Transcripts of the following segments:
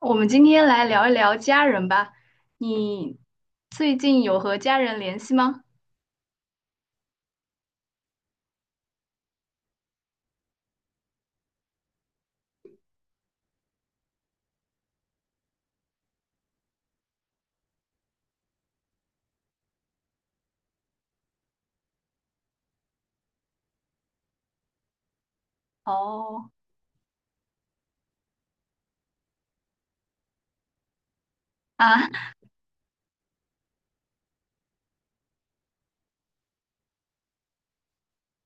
我们今天来聊一聊家人吧。你最近有和家人联系吗？哦，啊，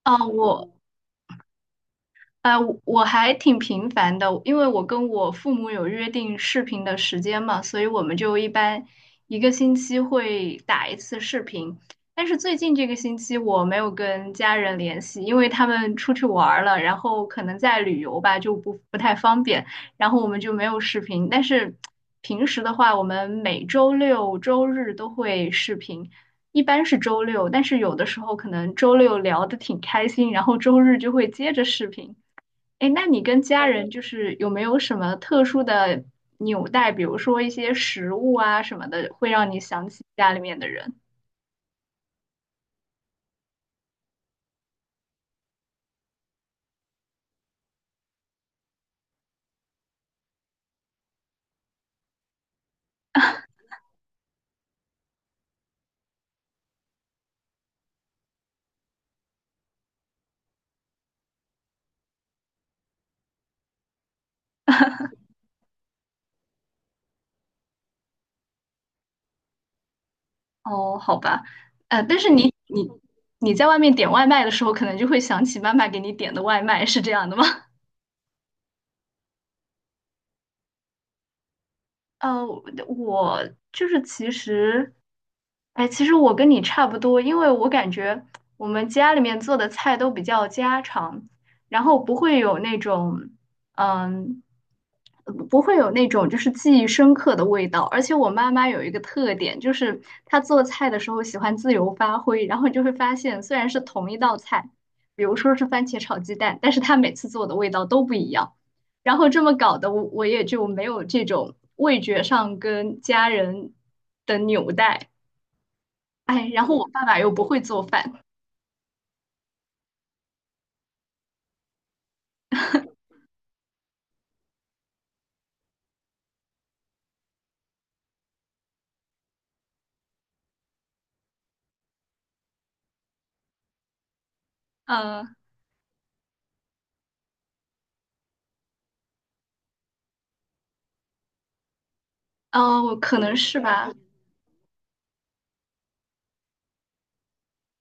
啊，我，我还挺频繁的，因为我跟我父母有约定视频的时间嘛，所以我们就一般一个星期会打一次视频。但是最近这个星期我没有跟家人联系，因为他们出去玩儿了，然后可能在旅游吧，就不太方便，然后我们就没有视频。但是平时的话，我们每周六周日都会视频。一般是周六，但是有的时候可能周六聊的挺开心，然后周日就会接着视频。哎，那你跟家人就是有没有什么特殊的纽带，比如说一些食物啊什么的，会让你想起家里面的人？哦，好吧，呃，但是你你在外面点外卖的时候，可能就会想起妈妈给你点的外卖，是这样的吗？呃，我就是其实，哎，其实我跟你差不多，因为我感觉我们家里面做的菜都比较家常，然后不会有那种。嗯不会有那种就是记忆深刻的味道。而且我妈妈有一个特点，就是她做菜的时候喜欢自由发挥，然后你就会发现，虽然是同一道菜，比如说是番茄炒鸡蛋，但是她每次做的味道都不一样。然后这么搞的，我也就没有这种味觉上跟家人的纽带。哎，然后我爸爸又不会做饭，嗯、呃、嗯、我可能是吧。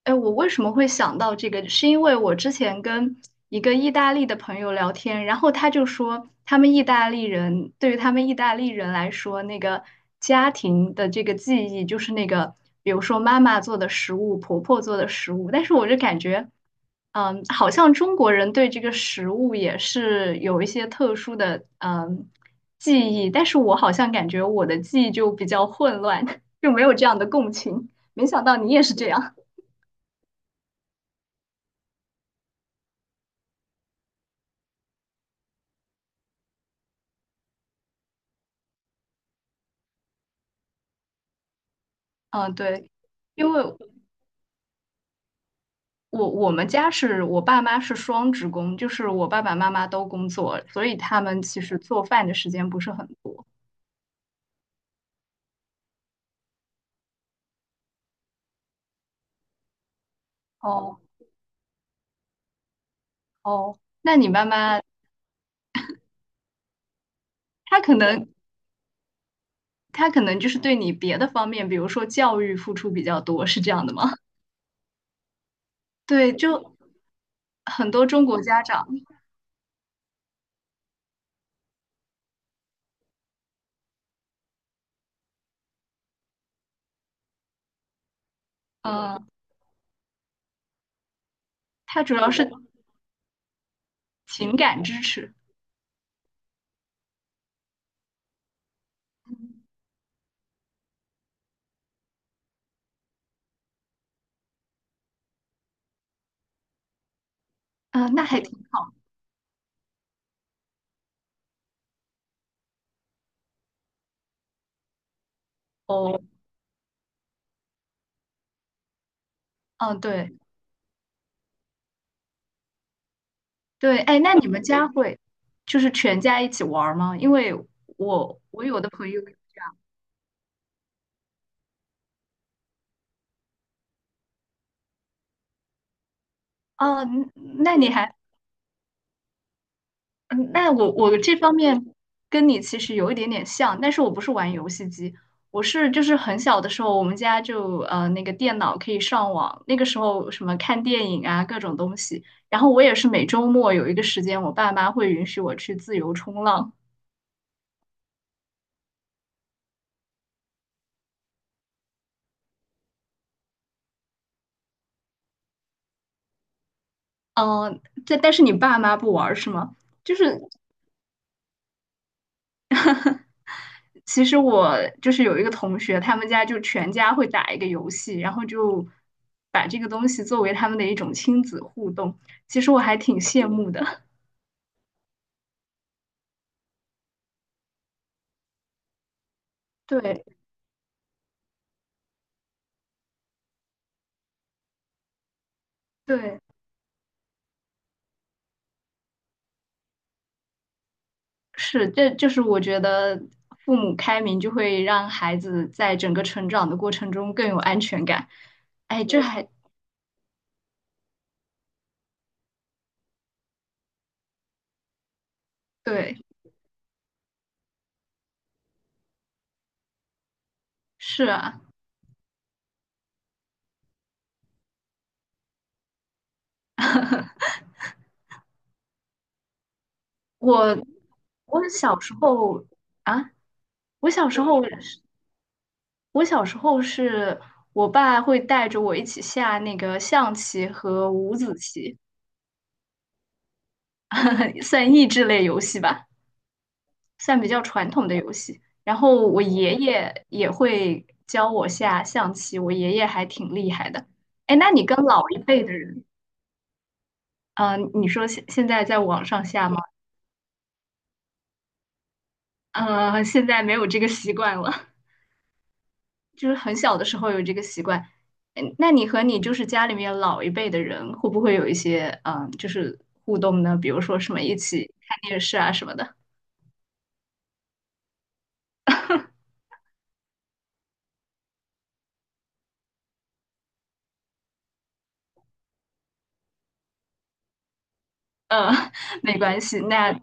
哎，我为什么会想到这个？是因为我之前跟一个意大利的朋友聊天，然后他就说，他们意大利人对于他们意大利人来说，那个家庭的这个记忆就是那个，比如说妈妈做的食物，婆婆做的食物。但是我就感觉，嗯，好像中国人对这个食物也是有一些特殊的记忆，但是我好像感觉我的记忆就比较混乱，就没有这样的共情。没想到你也是这样。嗯，对，因为我们家是我爸妈是双职工，就是我爸爸妈妈都工作，所以他们其实做饭的时间不是很多。哦哦，那你妈妈她可能她可能就是对你别的方面，比如说教育付出比较多，是这样的吗？对，就很多中国家长，嗯、他主要是情感支持，嗯、那还挺哦，嗯、对。对，哎，那你们家会就是全家一起玩儿吗？因为我有的朋友，哦，嗯那你还，嗯那我这方面跟你其实有一点点像，但是我不是玩游戏机，我是就是很小的时候，我们家就呃那个电脑可以上网，那个时候什么看电影啊各种东西，然后我也是每周末有一个时间，我爸妈会允许我去自由冲浪，嗯、呃，但是你爸妈不玩儿是吗？就是。其实我就是有一个同学，他们家就全家会打一个游戏，然后就把这个东西作为他们的一种亲子互动。其实我还挺羡慕的。对对，是，这就是我觉得父母开明就会让孩子在整个成长的过程中更有安全感。哎，这还对，是啊，我我小时候啊，我小时候我小时候是我爸会带着我一起下那个象棋和五子棋，算益智类游戏吧，算比较传统的游戏。然后我爷爷也会教我下象棋，我爷爷还挺厉害的。哎，那你跟老一辈的人，嗯，你说现在在网上下吗？呃，现在没有这个习惯了。就是很小的时候有这个习惯。嗯，那你和你就是家里面老一辈的人，会不会有一些嗯，就是互动呢？比如说什么一起看电视啊什么的。嗯，没关系。那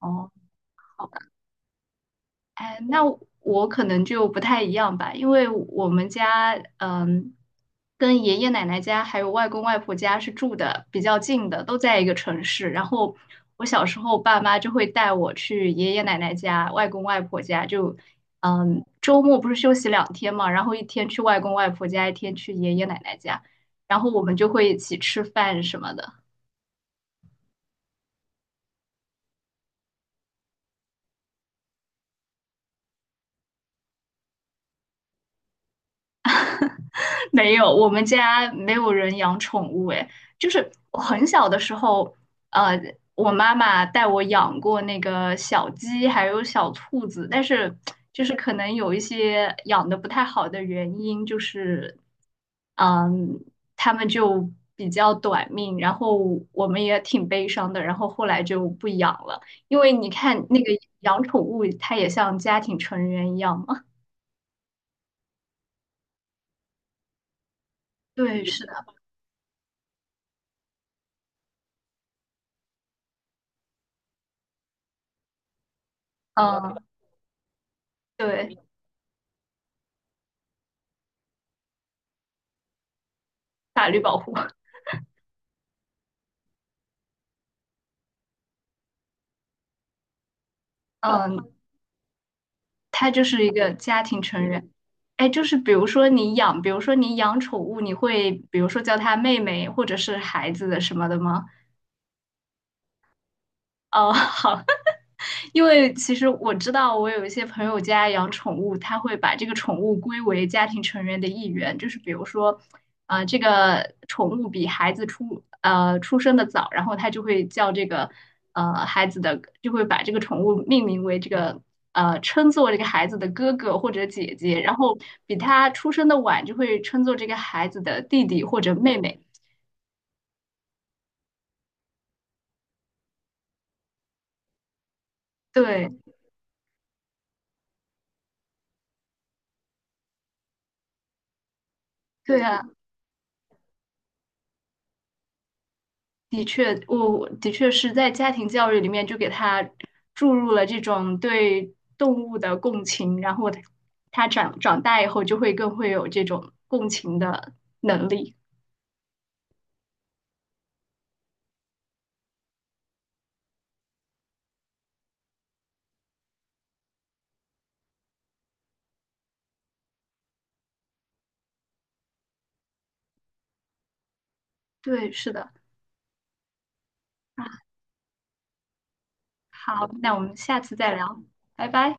哦，好。哎，那我可能就不太一样吧，因为我们家，嗯，跟爷爷奶奶家还有外公外婆家是住的比较近的，都在一个城市。然后我小时候，爸妈就会带我去爷爷奶奶家、外公外婆家，就，嗯，周末不是休息两天嘛，然后一天去外公外婆家，一天去爷爷奶奶家，然后我们就会一起吃饭什么的。没有，我们家没有人养宠物，诶，就是我很小的时候，呃，我妈妈带我养过那个小鸡，还有小兔子，但是就是可能有一些养的不太好的原因，就是嗯，它们就比较短命，然后我们也挺悲伤的，然后后来就不养了，因为你看那个养宠物，它也像家庭成员一样嘛。对，是的，嗯，对，法律保护。嗯，他就是一个家庭成员。哎，就是比如说你养，比如说你养宠物，你会比如说叫他妹妹或者是孩子的什么的吗？哦，好，因为其实我知道，我有一些朋友家养宠物，他会把这个宠物归为家庭成员的一员，就是比如说，呃，这个宠物比孩子出生的早，然后他就会叫这个呃孩子的，就会把这个宠物命名为这个呃称作这个孩子的哥哥或者姐姐，然后比他出生的晚，就会称作这个孩子的弟弟或者妹妹。对，对啊。的确，我的确是在家庭教育里面就给他注入了这种对动物的共情，然后他他长大以后就会更会有这种共情的能力。对，是的啊，好，那我们下次再聊，拜拜。